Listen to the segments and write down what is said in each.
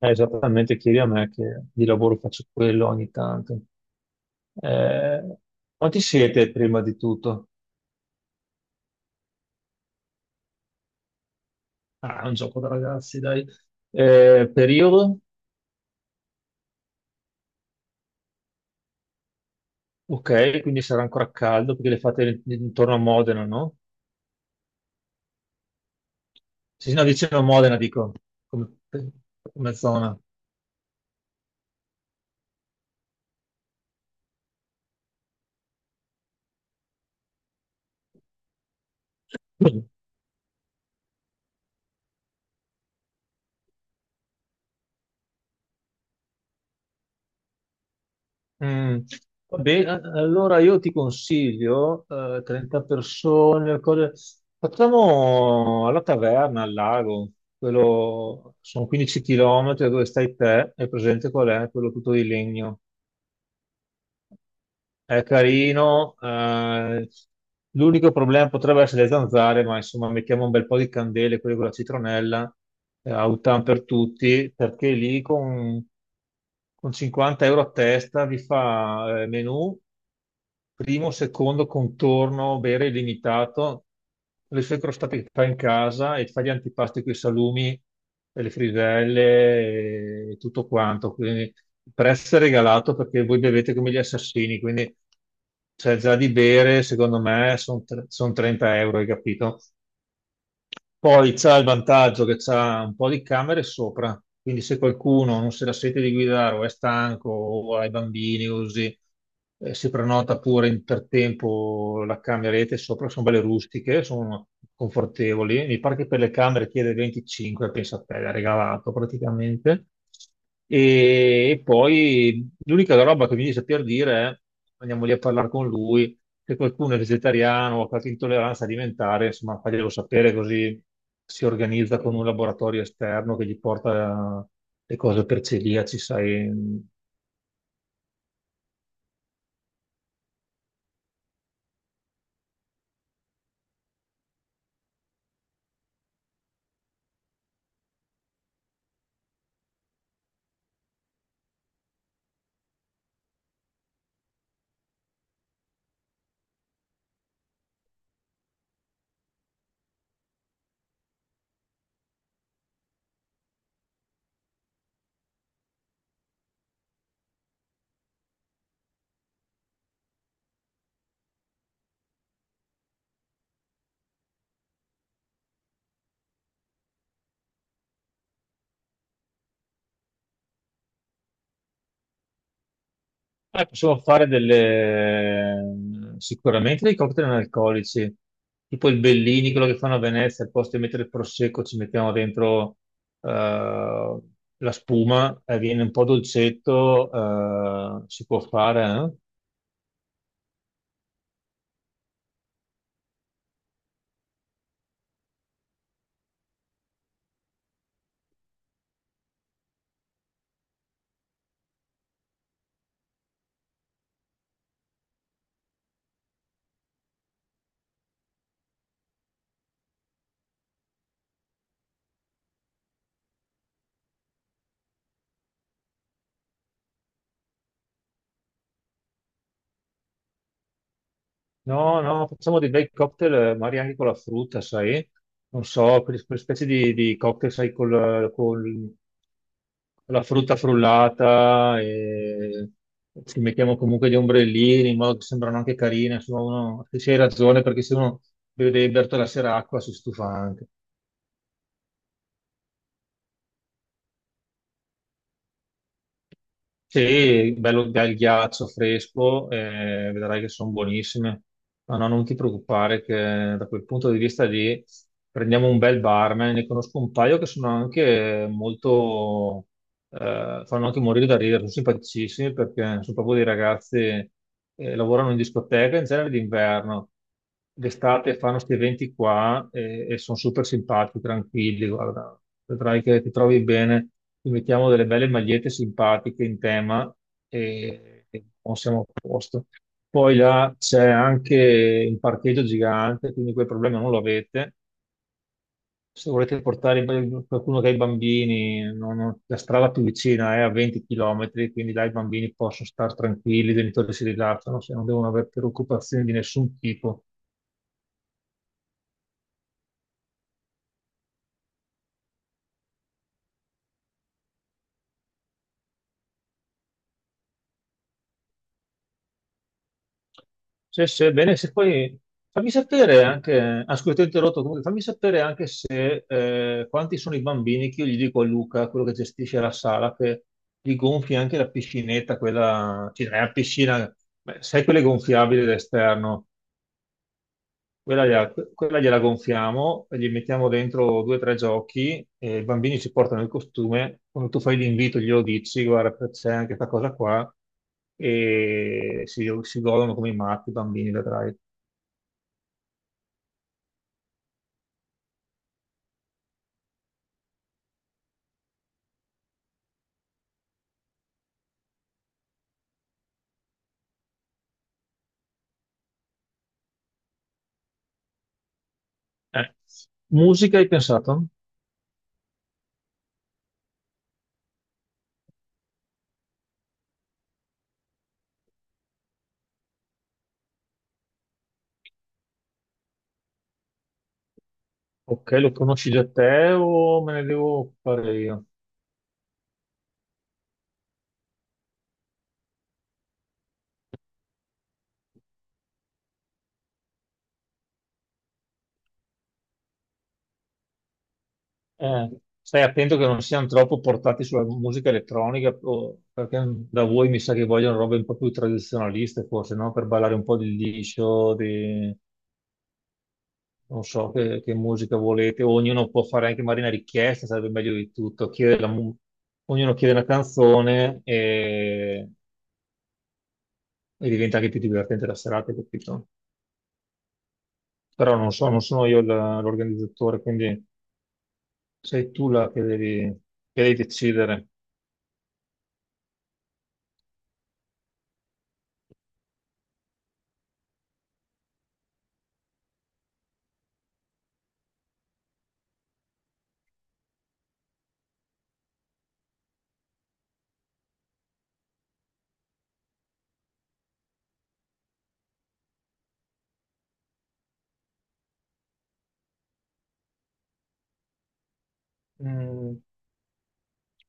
Esattamente, chiedi a me che di lavoro faccio quello ogni tanto. Eh, Quanti siete prima di tutto? Ah, è un gioco da ragazzi, dai. Periodo? Ok, quindi sarà ancora caldo perché le fate intorno a Modena, no? Sì, sì, no, vicino a Modena, dico, come, come zona. Mm. Va bene, allora io ti consiglio, 30 persone, facciamo alla taverna, al lago, quello, sono 15 km da dove stai te, è presente qual è? Quello tutto di legno. È carino, l'unico problema potrebbe essere le zanzare, ma insomma mettiamo un bel po' di candele, quelle con la citronella, autan per tutti, perché lì con 50 euro a testa vi fa menù primo, secondo contorno, bere illimitato, le sue crostate che fai in casa e fai gli antipasti con i salumi e le friselle e tutto quanto. Quindi il prezzo è regalato perché voi bevete come gli assassini, quindi c'è già di bere, secondo me, sono 30 euro, hai capito? Poi c'ha il vantaggio che c'ha un po' di camere sopra, quindi se qualcuno non se la sente di guidare o è stanco o ha i bambini o così, si prenota pure per tempo la cameretta sopra, sono belle rustiche, sono confortevoli. Mi pare che per le camere chiede 25, pensa a te, l'ha regalato praticamente. E poi l'unica roba che mi dice per dire è andiamo lì a parlare con lui se qualcuno è vegetariano o ha qualche intolleranza alimentare, insomma, faglielo sapere così si organizza con un laboratorio esterno che gli porta le cose per celiaci, sai. Possiamo fare delle, sicuramente dei cocktail analcolici, tipo il Bellini, quello che fanno a Venezia, al posto di mettere il prosecco ci mettiamo dentro eh, la spuma, viene un po' dolcetto, si può fare, eh? No, no, facciamo dei bei cocktail, magari anche con la frutta, sai? Non so, quelle, quelle specie di cocktail, sai, col, con la frutta frullata e ci mettiamo comunque gli ombrellini in modo che sembrano anche carine. Insomma, uno, se c'hai ragione, perché se uno beve dei berto la sera acqua si stufa anche. Sì, bello, bel ghiaccio fresco, vedrai che sono buonissime. Ma no, non ti preoccupare che da quel punto di vista lì prendiamo un bel barman, ne conosco un paio che sono anche molto, fanno anche morire da ridere, sono simpaticissimi perché sono proprio dei ragazzi, lavorano in discoteca in genere d'inverno, d'estate fanno questi eventi qua e sono super simpatici, tranquilli, guarda, vedrai che ti trovi bene, ti mettiamo delle belle magliette simpatiche in tema e non siamo a posto. Poi là c'è anche un parcheggio gigante, quindi quel problema non lo avete se volete portare qualcuno che ha i bambini, la strada più vicina è a 20 km, quindi là i bambini possono stare tranquilli, i genitori si rilassano, se non devono avere preoccupazioni di nessun tipo. Se, se, Bene, se poi fammi sapere anche, ah, scusa, ti ho interrotto, comunque, fammi sapere anche se quanti sono i bambini che io gli dico a Luca, quello che gestisce la sala, che gli gonfi anche la piscinetta, quella, cioè, è una piscina, beh, sai quelle gonfiabili d'esterno. Quella gliela gonfiamo, e gli mettiamo dentro due o tre giochi e i bambini ci portano il costume. Quando tu fai l'invito, glielo dici, guarda, c'è anche questa cosa qua, e si godono come i matti i bambini, vedrai. Eh, Musica hai pensato? Ok, lo conosci già te o me ne devo fare io? Eh, Stai attento che non siano troppo portati sulla musica elettronica, perché da voi mi sa che vogliono robe un po' più tradizionaliste, forse, no? Per ballare un po' di liscio, di... non so che musica volete. Ognuno può fare anche magari una richiesta, sarebbe meglio di tutto. Ognuno chiede una canzone e diventa anche più divertente la serata, capito? Però non so, non sono io l'organizzatore, quindi sei tu la che devi decidere. Mm.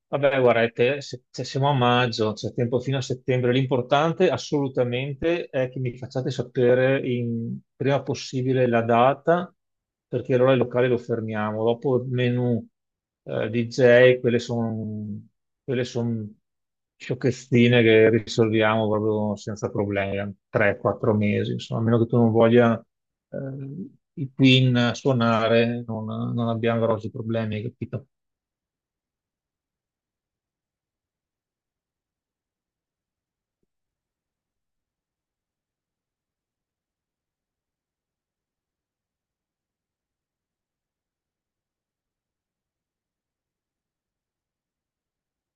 Vabbè, guarda, è se, se siamo a maggio, c'è tempo fino a settembre. L'importante assolutamente è che mi facciate sapere prima possibile la data, perché allora il locale lo fermiamo. Dopo il menù, DJ, quelle son sciocchezzine che risolviamo proprio senza problemi, 3-4 mesi, insomma, a meno che tu non voglia eh, i Queen suonare, non, non abbiamo grossi problemi, capito?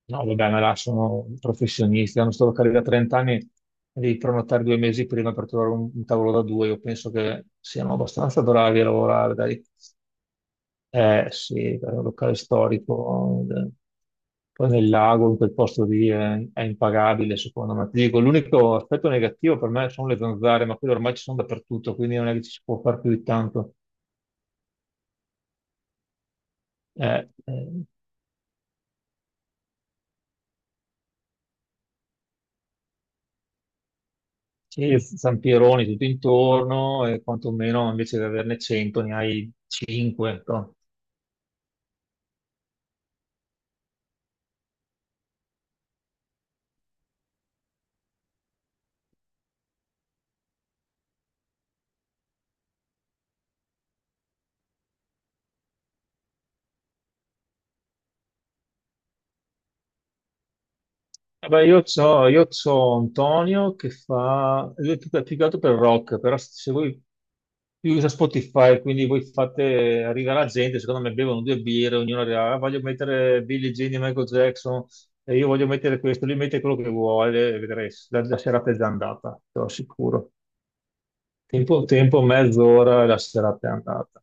No, vabbè, ma là sono professionisti, hanno sta locale da 30 anni, devi prenotare due mesi prima per trovare un tavolo da due. Io penso che siano abbastanza bravi a lavorare, dai. Eh sì, è un locale storico, poi nel lago, in quel posto lì è impagabile, secondo me. Ti dico, l'unico aspetto negativo per me sono le zanzare, ma quelle ormai ci sono dappertutto, quindi non è che ci si può fare più di tanto. Eh. Sì, zampironi tutto intorno e quantomeno invece di averne 100 ne hai 5. Vabbè, io c'ho Antonio che fa, lui è più, più che altro per rock, però se voi lui usa Spotify, quindi voi fate, arriva la gente, secondo me bevono due birre, ognuno dirà, "Ah, voglio mettere Billie Jean di Michael Jackson, e io voglio mettere questo", lui mette quello che vuole, e vedrai, la, la serata è già andata, te lo assicuro. Tempo, tempo, mezz'ora e la serata è andata.